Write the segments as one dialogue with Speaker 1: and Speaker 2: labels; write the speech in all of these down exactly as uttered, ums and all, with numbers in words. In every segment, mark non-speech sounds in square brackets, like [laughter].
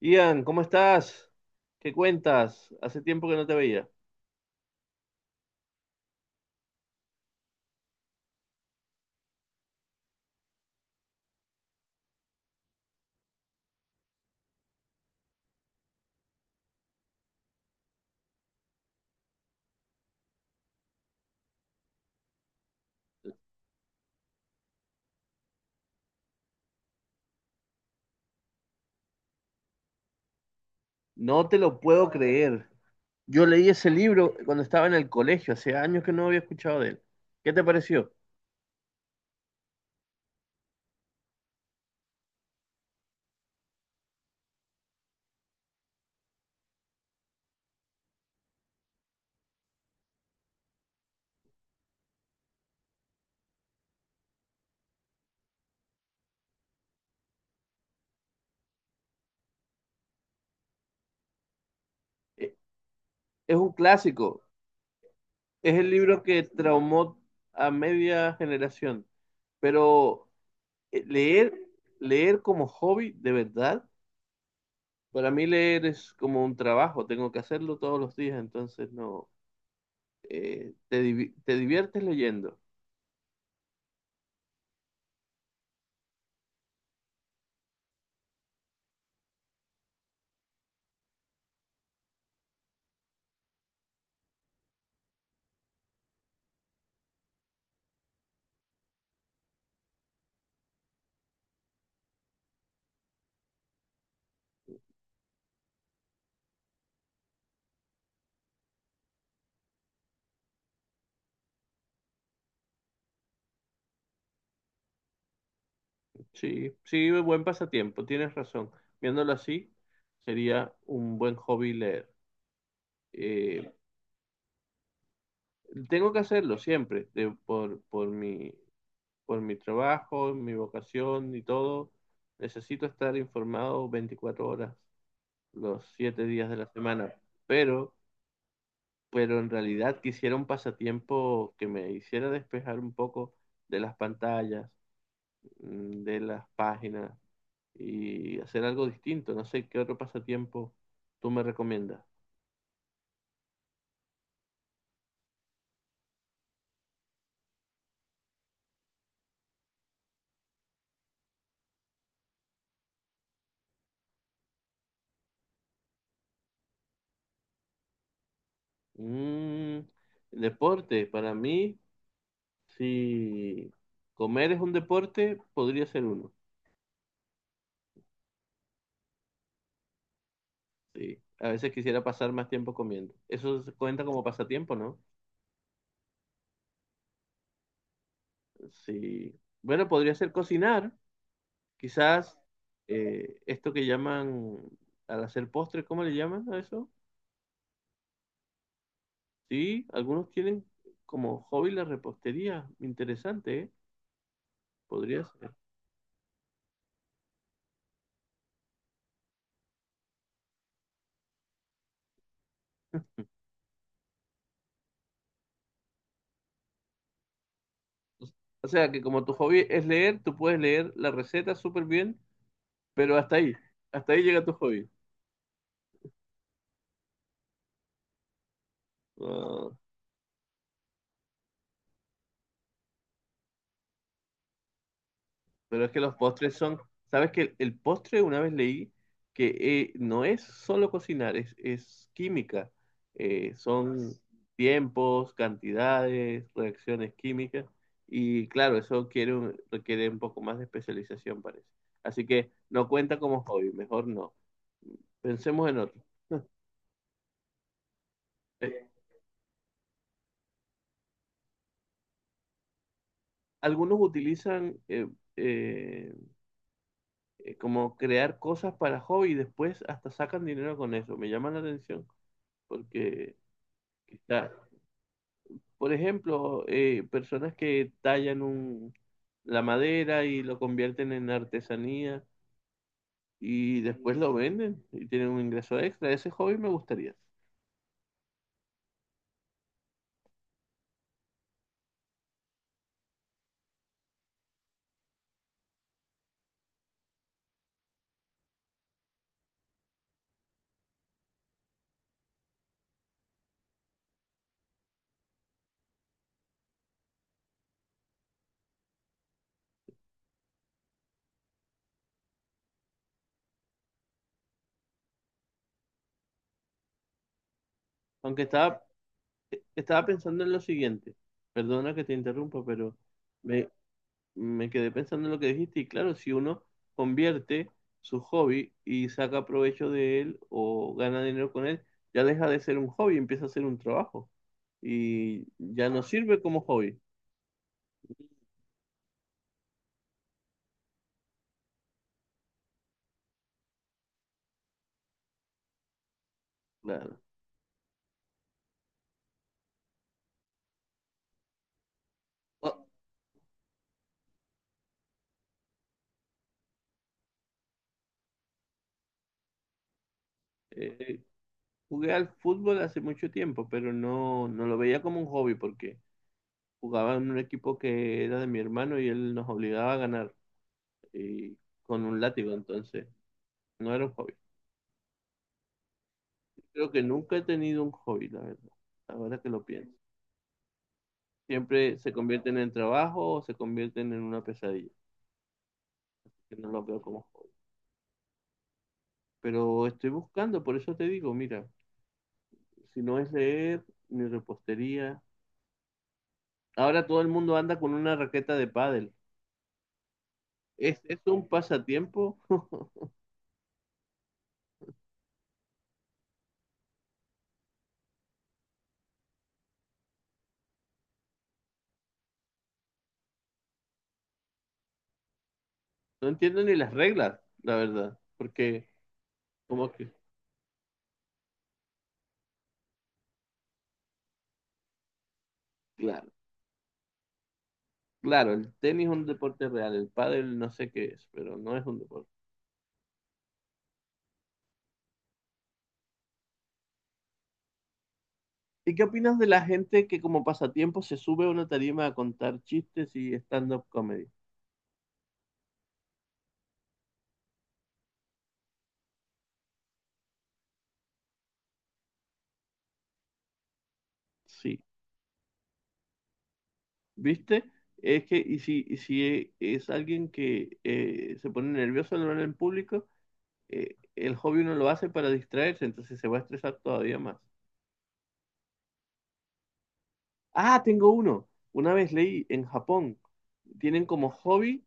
Speaker 1: Ian, ¿cómo estás? ¿Qué cuentas? Hace tiempo que no te veía. No te lo puedo creer. Yo leí ese libro cuando estaba en el colegio, hace años que no había escuchado de él. ¿Qué te pareció? E- Es un clásico, es el libro que traumó a media generación, pero eh, leer, leer como hobby, de verdad, para mí leer es como un trabajo, tengo que hacerlo todos los días, entonces no, eh, te divi- te diviertes leyendo. Sí, sí, buen pasatiempo, tienes razón. Viéndolo así, sería un buen hobby leer. Eh, tengo que hacerlo siempre, de- por, por mi, por mi trabajo, mi vocación y todo. Necesito estar informado veinticuatro horas, los siete días de la semana. Pero, pero en realidad quisiera un pasatiempo que me hiciera despejar un poco de las pantallas, mm, de las páginas y hacer algo distinto. No sé qué otro pasatiempo tú me recomiendas. Mm, deporte, para mí, si comer es un deporte, podría ser uno. Sí. A veces quisiera pasar más tiempo comiendo. Eso se cuenta como pasatiempo, ¿no? Sí. Bueno, podría ser cocinar. Quizás eh, esto que llaman al hacer postre, ¿cómo le llaman a eso? Sí, algunos tienen como hobby la repostería. Interesante, ¿eh? Podría ser. O sea, que como tu hobby es leer, tú puedes leer la receta súper bien, pero hasta ahí, hasta ahí llega tu hobby. Ah, pero es que los postres son, sabes que el postre una vez leí que eh, no es solo cocinar, es, es química. Eh, son tiempos, cantidades, reacciones químicas. Y claro, eso quiere un- requiere un poco más de especialización, parece. Así que no cuenta como hobby, mejor no. Pensemos en otro. Eh, algunos utilizan eh, eh, eh, como crear cosas para hobby y después hasta sacan dinero con eso. Me llama la atención porque está, por ejemplo, eh, personas que tallan un, la madera y lo convierten en artesanía y después lo venden y tienen un ingreso extra. Ese hobby me gustaría. Aunque estaba, estaba pensando en lo siguiente. Perdona que te interrumpa, pero me, me quedé pensando en lo que dijiste. Y claro, si uno convierte su hobby y saca provecho de él o gana dinero con él, ya deja de ser un hobby, empieza a ser un trabajo. Y ya no sirve como hobby. Claro. O- Eh, jugué al fútbol hace mucho tiempo, pero no, no lo veía como un hobby porque jugaba en un equipo que era de mi hermano y él nos obligaba a ganar y con un látigo, entonces no era un hobby. Creo que nunca he tenido un hobby, la verdad, ahora que lo pienso. Siempre se convierten en trabajo o se convierten en una pesadilla, que no lo veo como hobby. Pero estoy buscando, por eso te digo, mira, si no es leer ni repostería. Ahora todo el mundo anda con una raqueta de pádel. ¿Es eso un pasatiempo? [laughs] No entiendo ni las reglas, la verdad. Porque, como que, claro, claro, el tenis es un deporte real, el pádel no sé qué es, pero no es un deporte. ¿Y qué opinas de la gente que como pasatiempo se sube a una tarima a contar chistes y stand-up comedy? Sí, ¿viste? Es que, y si, y si es alguien que eh, se pone nervioso al hablar en público, eh, el hobby uno lo hace para distraerse, entonces se va a estresar todavía más. Ah, tengo uno. Una vez leí en Japón, tienen como hobby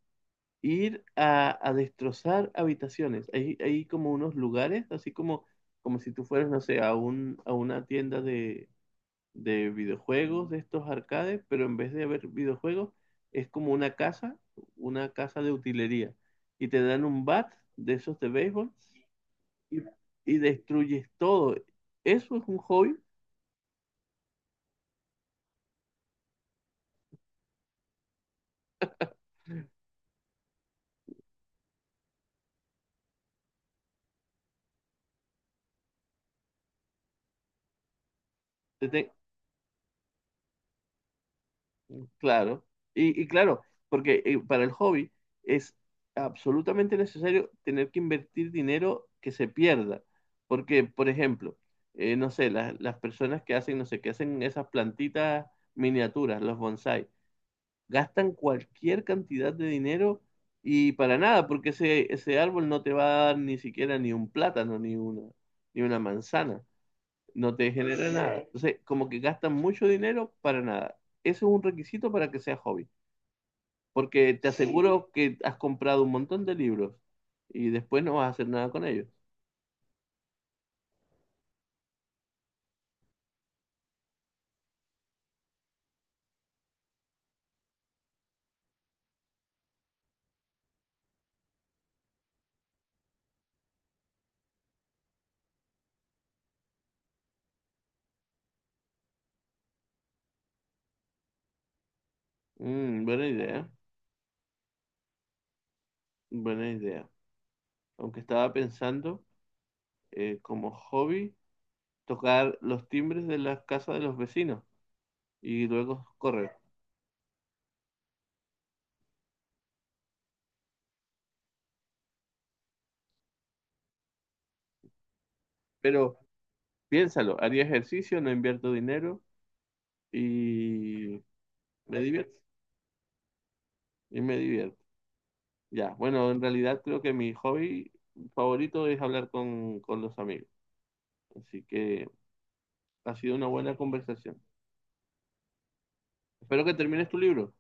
Speaker 1: ir a, a destrozar habitaciones. Hay, hay como unos lugares, así como, como si tú fueras, no sé, a un, a una tienda de, de videojuegos, de estos arcades, pero en vez de haber videojuegos, es como una casa, una casa de utilería. Y te dan un bat de esos de béisbol y, y destruyes todo. Eso es un hobby. Claro, y, y claro, porque eh, para el hobby es absolutamente necesario tener que invertir dinero que se pierda, porque, por ejemplo, eh, no sé, las, las personas que hacen, no sé, que hacen esas plantitas miniaturas, los bonsai, gastan cualquier cantidad de dinero y para nada, porque ese, ese árbol no te va a dar ni siquiera ni un plátano, ni una, ni una manzana, no te genera nada. Entonces, como que gastan mucho dinero para nada. Eso es un requisito para que sea hobby porque te aseguro que has comprado un montón de libros y después no vas a hacer nada con ellos. Mm, buena idea, buena idea. Aunque estaba pensando eh, como hobby tocar los timbres de las casas de los vecinos y luego correr. Pero piénsalo, haría ejercicio, no invierto dinero y me divierto. Y me divierto. Ya, bueno, en realidad creo que mi hobby favorito es hablar con, con los amigos. Así que ha sido una buena conversación. Espero que termines tu libro.